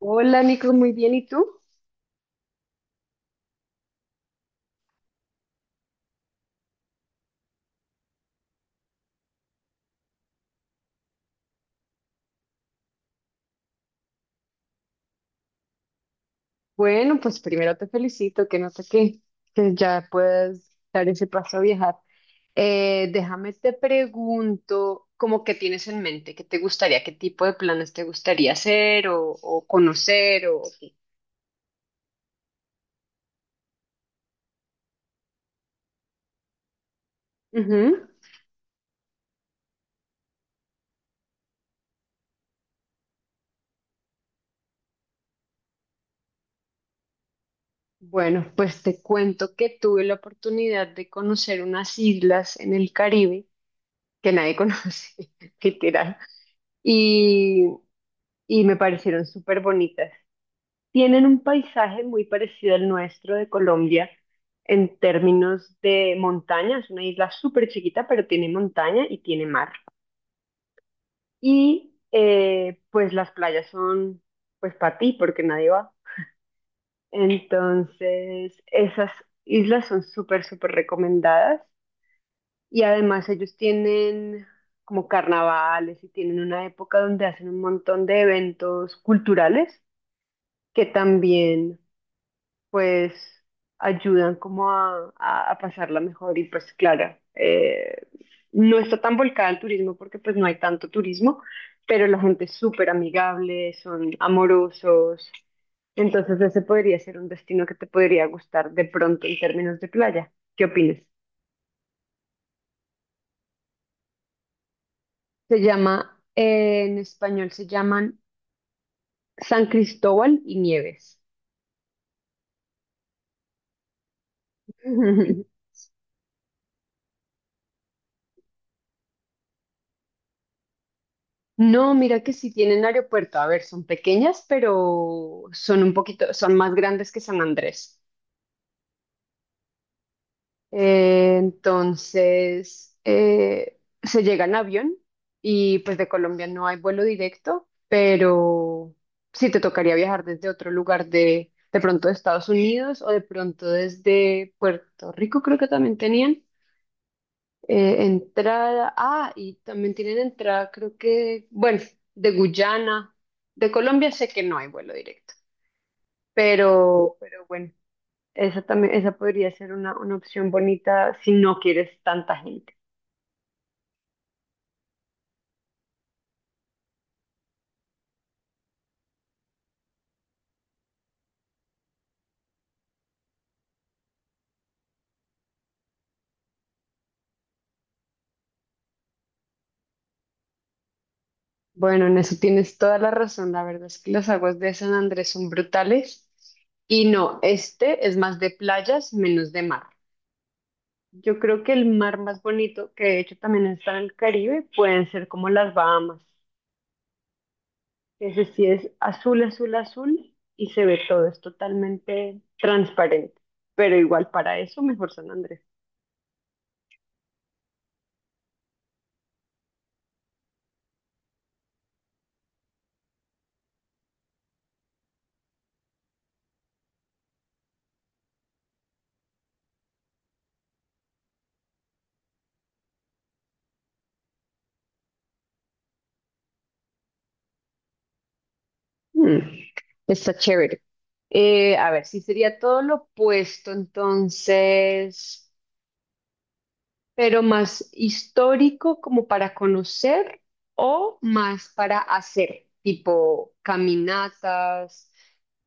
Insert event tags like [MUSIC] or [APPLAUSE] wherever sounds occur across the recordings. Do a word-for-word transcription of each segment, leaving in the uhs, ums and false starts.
Hola Nico, muy bien. ¿Y tú? Bueno, pues primero te felicito, que no sé qué, que ya puedas dar ese paso a viajar. Eh, déjame te pregunto, ¿cómo que tienes en mente? ¿Qué te gustaría? ¿Qué tipo de planes te gustaría hacer o, o conocer o qué? Ujú. Bueno, pues te cuento que tuve la oportunidad de conocer unas islas en el Caribe que nadie conoce, [LAUGHS] literal, y, y me parecieron súper bonitas. Tienen un paisaje muy parecido al nuestro de Colombia en términos de montaña. Es una isla súper chiquita, pero tiene montaña y tiene mar. Y eh, pues las playas son pues para ti, porque nadie va. Entonces, esas islas son súper, súper recomendadas. Y además ellos tienen como carnavales y tienen una época donde hacen un montón de eventos culturales que también pues ayudan como a, a- a pasarla mejor y pues claro, eh, no está tan volcada al turismo porque pues no hay tanto turismo, pero la gente es súper amigable, son amorosos, entonces ese podría ser un destino que te podría gustar de pronto en términos de playa. ¿Qué opinas? Se llama, eh, en español se llaman San Cristóbal y Nieves. [LAUGHS] No, mira que sí tienen aeropuerto. A ver, son pequeñas, pero son un poquito, son más grandes que San Andrés. Eh, entonces, eh, se llega en avión y pues de Colombia no hay vuelo directo, pero sí te tocaría viajar desde otro lugar de, de pronto de Estados Unidos o de pronto desde Puerto Rico, creo que también tenían. Eh, entrada, ah, y también tienen entrada, creo que, bueno, de Guyana, de Colombia sé que no hay vuelo directo, pero, pero bueno, esa también, esa podría ser una, una opción bonita si no quieres tanta gente. Bueno, en eso tienes toda la razón, la verdad es que las aguas de San Andrés son brutales y no, este es más de playas, menos de mar. Yo creo que el mar más bonito, que de hecho también está en el Caribe, pueden ser como las Bahamas. Ese sí es azul, azul, azul y se ve todo, es totalmente transparente. Pero igual para eso, mejor San Andrés. Mm, está chévere. Eh, a ver, sí sería todo lo opuesto, entonces, pero más histórico como para conocer o más para hacer, tipo caminatas,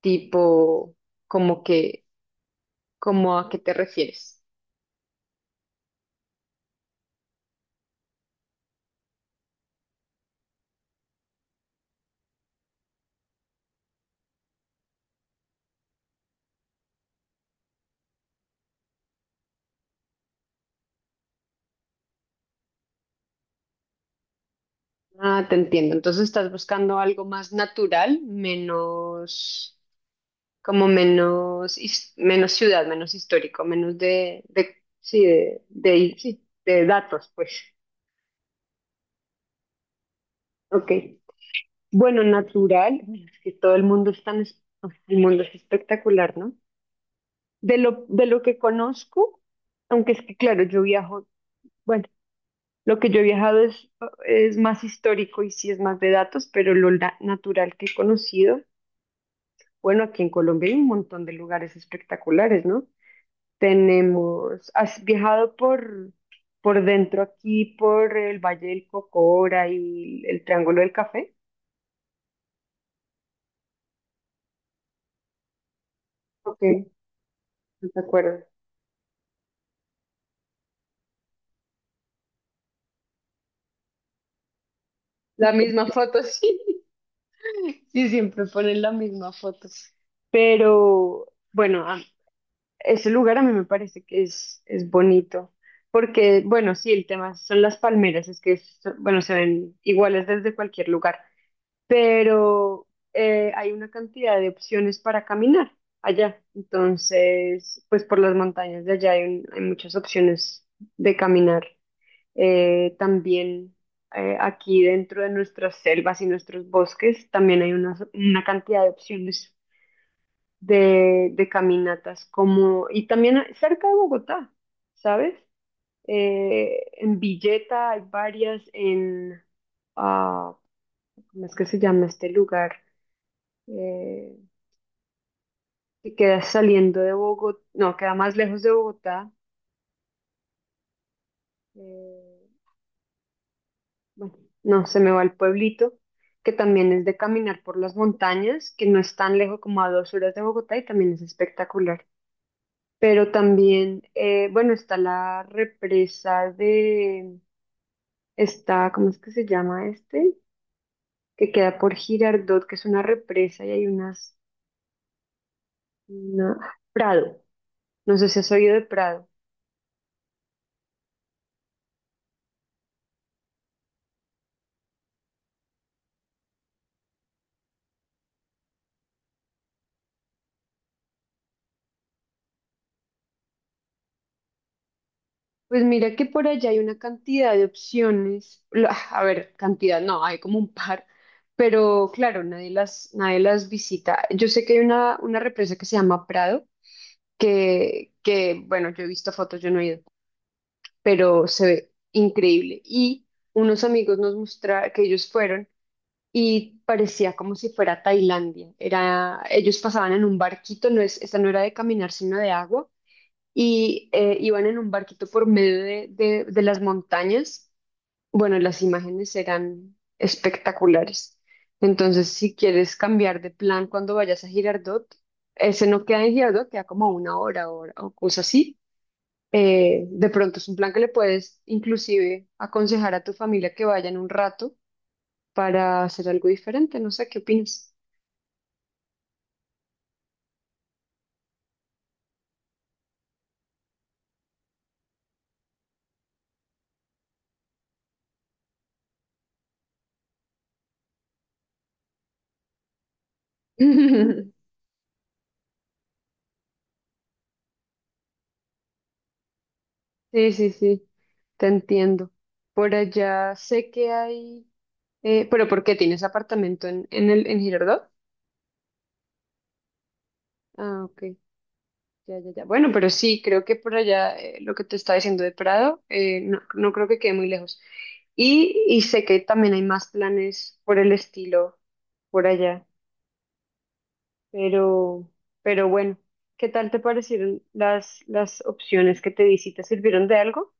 tipo como que, como a qué te refieres. Ah, te entiendo. Entonces estás buscando algo más natural, menos, como menos, his- menos ciudad, menos histórico, menos de, de, sí, de, de, sí, de datos, pues. Ok. Bueno, natural, bueno, es que todo el mundo es tan, es- pues, el mundo es espectacular, ¿no? De lo, de lo que conozco, aunque es que claro, yo viajo, bueno, lo que yo he viajado es, es más histórico y sí es más de datos, pero lo na- natural que he conocido. Bueno, aquí en Colombia hay un montón de lugares espectaculares, ¿no? Tenemos, ¿has viajado por, por dentro aquí, por el Valle del Cocora y el Triángulo del Café? Ok, no te acuerdo. La misma foto, [LAUGHS] sí, sí, siempre ponen la misma foto. Pero bueno, a- ese lugar a mí me parece que es, es bonito, porque bueno, sí, el tema son las palmeras, es que, es- bueno, se ven iguales desde cualquier lugar. Pero eh, hay una cantidad de opciones para caminar allá. Entonces, pues por las montañas de allá hay, un- hay muchas opciones de caminar. Eh, también eh, aquí dentro de nuestras selvas y nuestros bosques, también hay una, una cantidad de opciones de, de caminatas, como, y también a- cerca de Bogotá, ¿sabes? Eh, en Villeta hay varias, en, ah, ¿cómo es que se llama este lugar? eh, que queda saliendo de Bogotá, no, queda más lejos de Bogotá, eh, bueno, no, se me va el pueblito, que también es de caminar por las montañas, que no es tan lejos como a dos horas de Bogotá y también es espectacular. Pero también, eh, bueno, está la represa de, está, ¿cómo es que se llama este? Que queda por Girardot, que es una represa y hay unas, una, Prado, no sé si has oído de Prado. Pues mira que por allá hay una cantidad de opciones. Lo- A ver, cantidad no, hay como un par, pero claro, nadie las, nadie las visita. Yo sé que hay una, una represa que se llama Prado, que, que, bueno, yo he visto fotos, yo no he ido, pero se ve increíble. Y unos amigos nos mostraron que ellos fueron y parecía como si fuera Tailandia. Era, ellos pasaban en un barquito, no es, esta no era de caminar, sino de agua y eh, iban en un barquito por medio de, de- de las montañas. Bueno, las imágenes eran espectaculares. Entonces, si quieres cambiar de plan cuando vayas a Girardot, ese no queda en Girardot, queda como a una hora, hora o cosas así. Eh, de pronto es un plan que le puedes inclusive aconsejar a tu familia que vayan un rato para hacer algo diferente. No sé, ¿qué opinas? [LAUGHS] Sí, sí, sí, te entiendo. Por allá sé que hay. Eh, pero ¿por qué tienes apartamento en, en el en Girardot? Ah, ok. Ya, ya, ya. Bueno, pero sí, creo que por allá eh, lo que te estaba diciendo de Prado, eh, no, no creo que quede muy lejos. Y, y sé que también hay más planes por el estilo por allá, pero, pero bueno, ¿qué tal te parecieron las, las opciones que te di? ¿Sí te sirvieron de algo?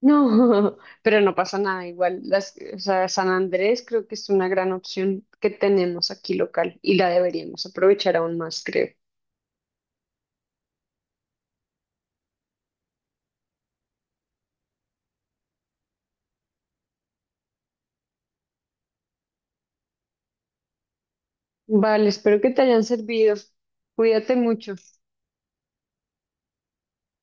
No, [LAUGHS] pero no pasa nada igual. Las, o sea, San Andrés creo que es una gran opción que tenemos aquí local y la deberíamos aprovechar aún más, creo. Vale, espero que te hayan servido. Cuídate mucho.